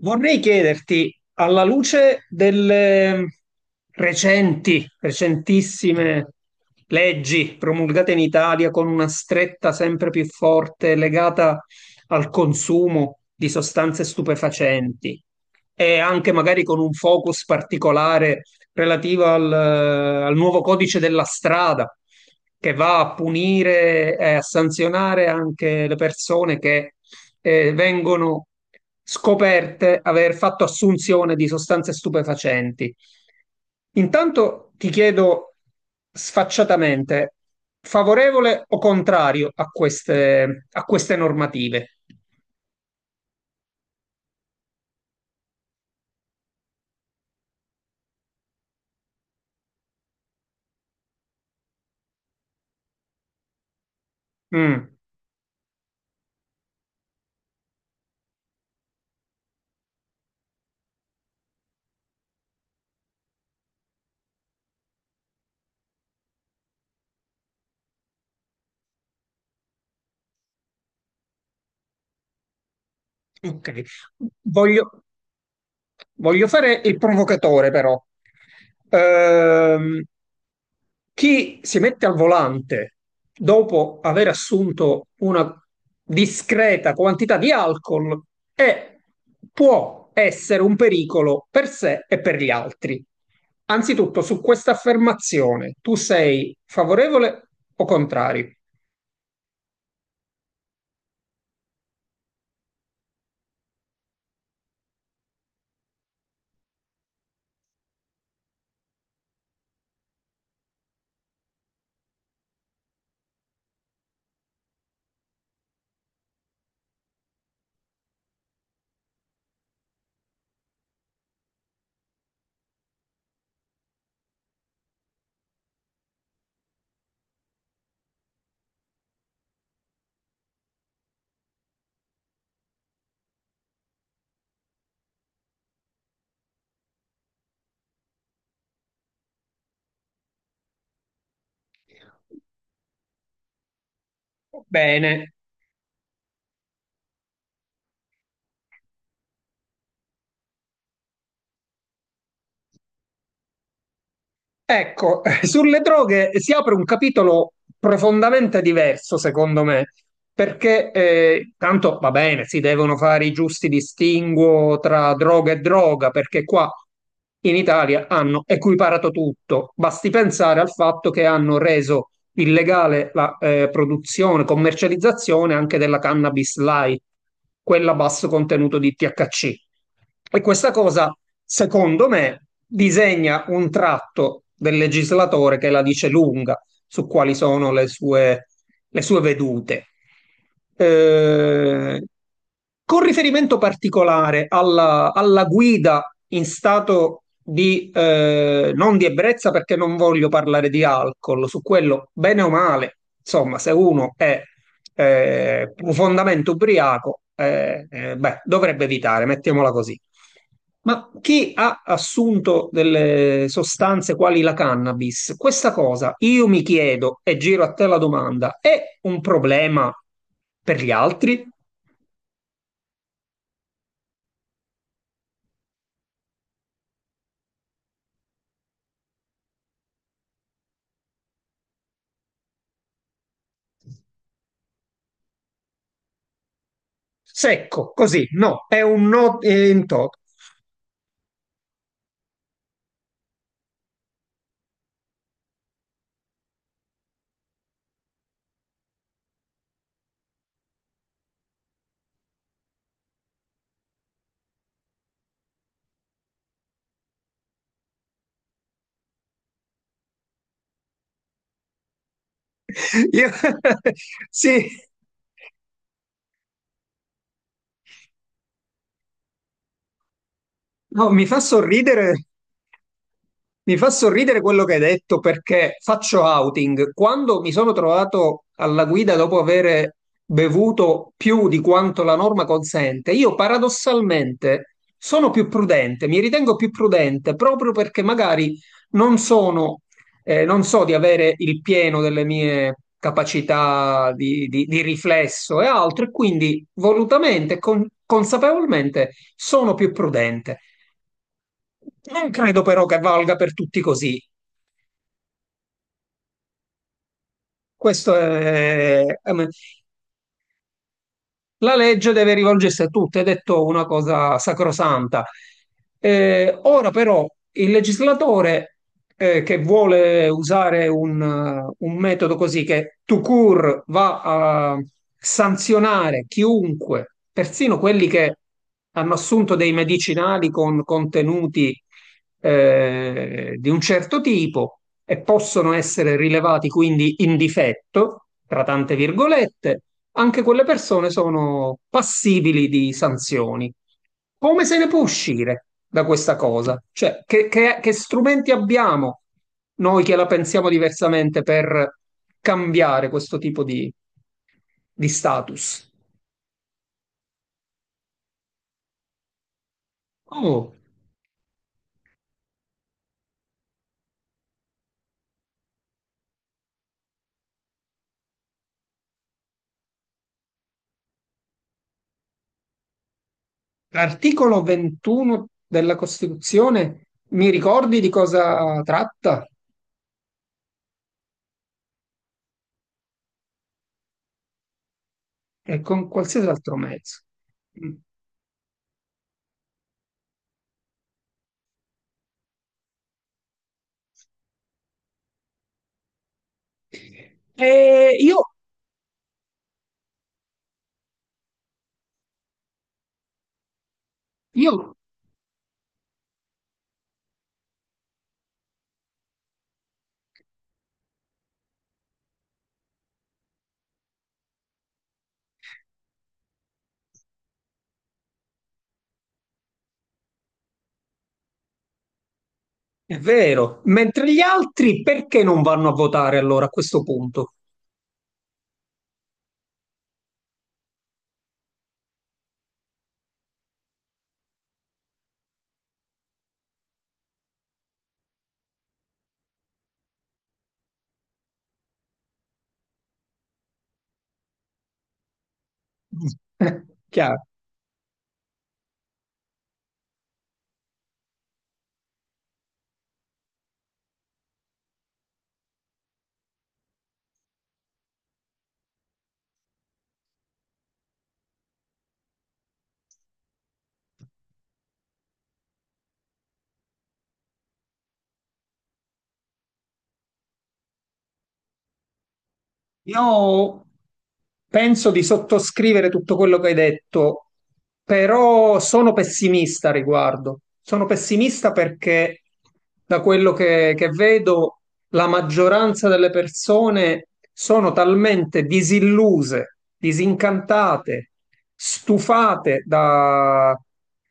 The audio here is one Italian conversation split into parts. Vorrei chiederti, alla luce delle recentissime leggi promulgate in Italia con una stretta sempre più forte legata al consumo di sostanze stupefacenti e anche magari con un focus particolare relativo al nuovo codice della strada che va a punire e a sanzionare anche le persone che vengono scoperte aver fatto assunzione di sostanze stupefacenti. Intanto ti chiedo sfacciatamente, favorevole o contrario a queste normative? Mm, ok, voglio, voglio fare il provocatore però. Ehm, Chi si mette al volante dopo aver assunto una discreta quantità di alcol è, può essere un pericolo per sé e per gli altri. Anzitutto, su questa affermazione, tu sei favorevole o contrario? Bene. Ecco, sulle droghe si apre un capitolo profondamente diverso, secondo me, perché tanto va bene, si devono fare i giusti distinguo tra droga e droga, perché qua in Italia hanno equiparato tutto. Basti pensare al fatto che hanno reso illegale la produzione, commercializzazione anche della cannabis light, quella a basso contenuto di THC. E questa cosa, secondo me, disegna un tratto del legislatore che la dice lunga su quali sono le sue vedute. Eh, con riferimento particolare alla guida in stato di non di ebbrezza, perché non voglio parlare di alcol, su quello, bene o male, insomma, se uno è profondamente ubriaco, beh, dovrebbe evitare, mettiamola così. Ma chi ha assunto delle sostanze quali la cannabis, questa cosa io mi chiedo e giro a te la domanda, è un problema per gli altri? Secco, così, no, è un no in toto. Io- Sì, no, mi fa sorridere. Mi fa sorridere quello che hai detto perché faccio outing. Quando mi sono trovato alla guida dopo aver bevuto più di quanto la norma consente, io paradossalmente sono più prudente, mi ritengo più prudente proprio perché magari non sono, non so di avere il pieno delle mie capacità di riflesso e altro, e quindi volutamente, e consapevolmente sono più prudente. Non credo però che valga per tutti così. Questo è, ehm, la legge deve rivolgersi a tutti, è detto una cosa sacrosanta. Ora però il legislatore che vuole usare un metodo così che tout court va a sanzionare chiunque, persino quelli che hanno assunto dei medicinali con contenuti di un certo tipo e possono essere rilevati quindi in difetto, tra tante virgolette, anche quelle persone sono passibili di sanzioni. Come se ne può uscire da questa cosa? Cioè, che strumenti abbiamo noi che la pensiamo diversamente per cambiare questo tipo di status? Oh. L'articolo 21 della Costituzione, mi ricordi di cosa tratta? E con qualsiasi altro mezzo. Mm. E io, io, è vero, mentre gli altri perché non vanno a votare allora a questo punto? Chiaro. Io penso di sottoscrivere tutto quello che hai detto, però sono pessimista a riguardo. Sono pessimista perché da quello che vedo la maggioranza delle persone sono talmente disilluse, disincantate, stufate da-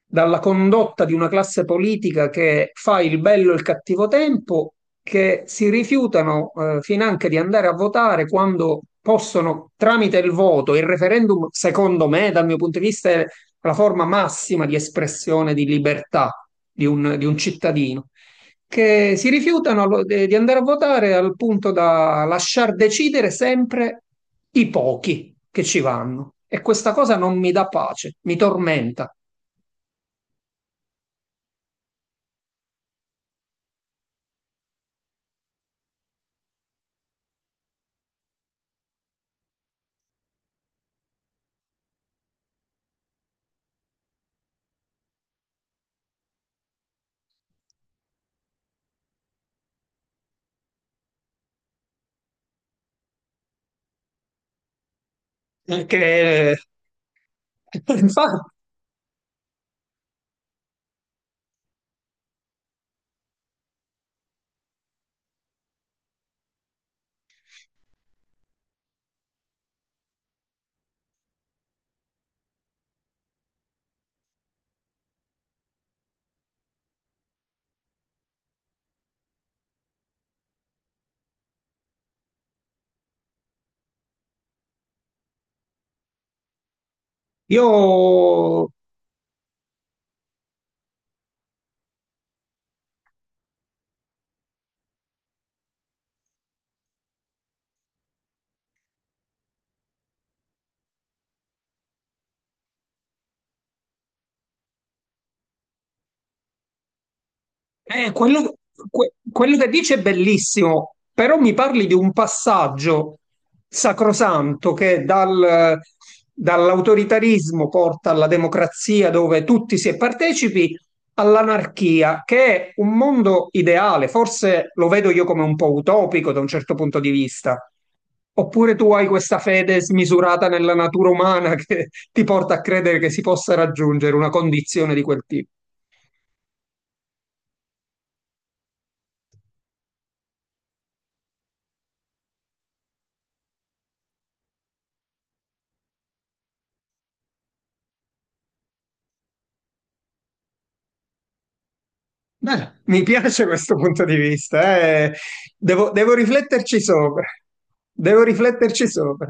dalla condotta di una classe politica che fa il bello e il cattivo tempo, che si rifiutano finanche di andare a votare quando possono, tramite il voto, il referendum, secondo me, dal mio punto di vista, è la forma massima di espressione di libertà di un cittadino che si rifiutano di andare a votare al punto da lasciar decidere sempre i pochi che ci vanno. E questa cosa non mi dà pace, mi tormenta. Perché, infatti, io. Eh, quello, quello che dice è bellissimo, però mi parli di un passaggio sacrosanto che dall'autoritarismo porta alla democrazia dove tutti si è partecipi, all'anarchia, che è un mondo ideale, forse lo vedo io come un po' utopico da un certo punto di vista. Oppure tu hai questa fede smisurata nella natura umana che ti porta a credere che si possa raggiungere una condizione di quel tipo. Beh, mi piace questo punto di vista, eh. Devo rifletterci sopra. Devo rifletterci sopra.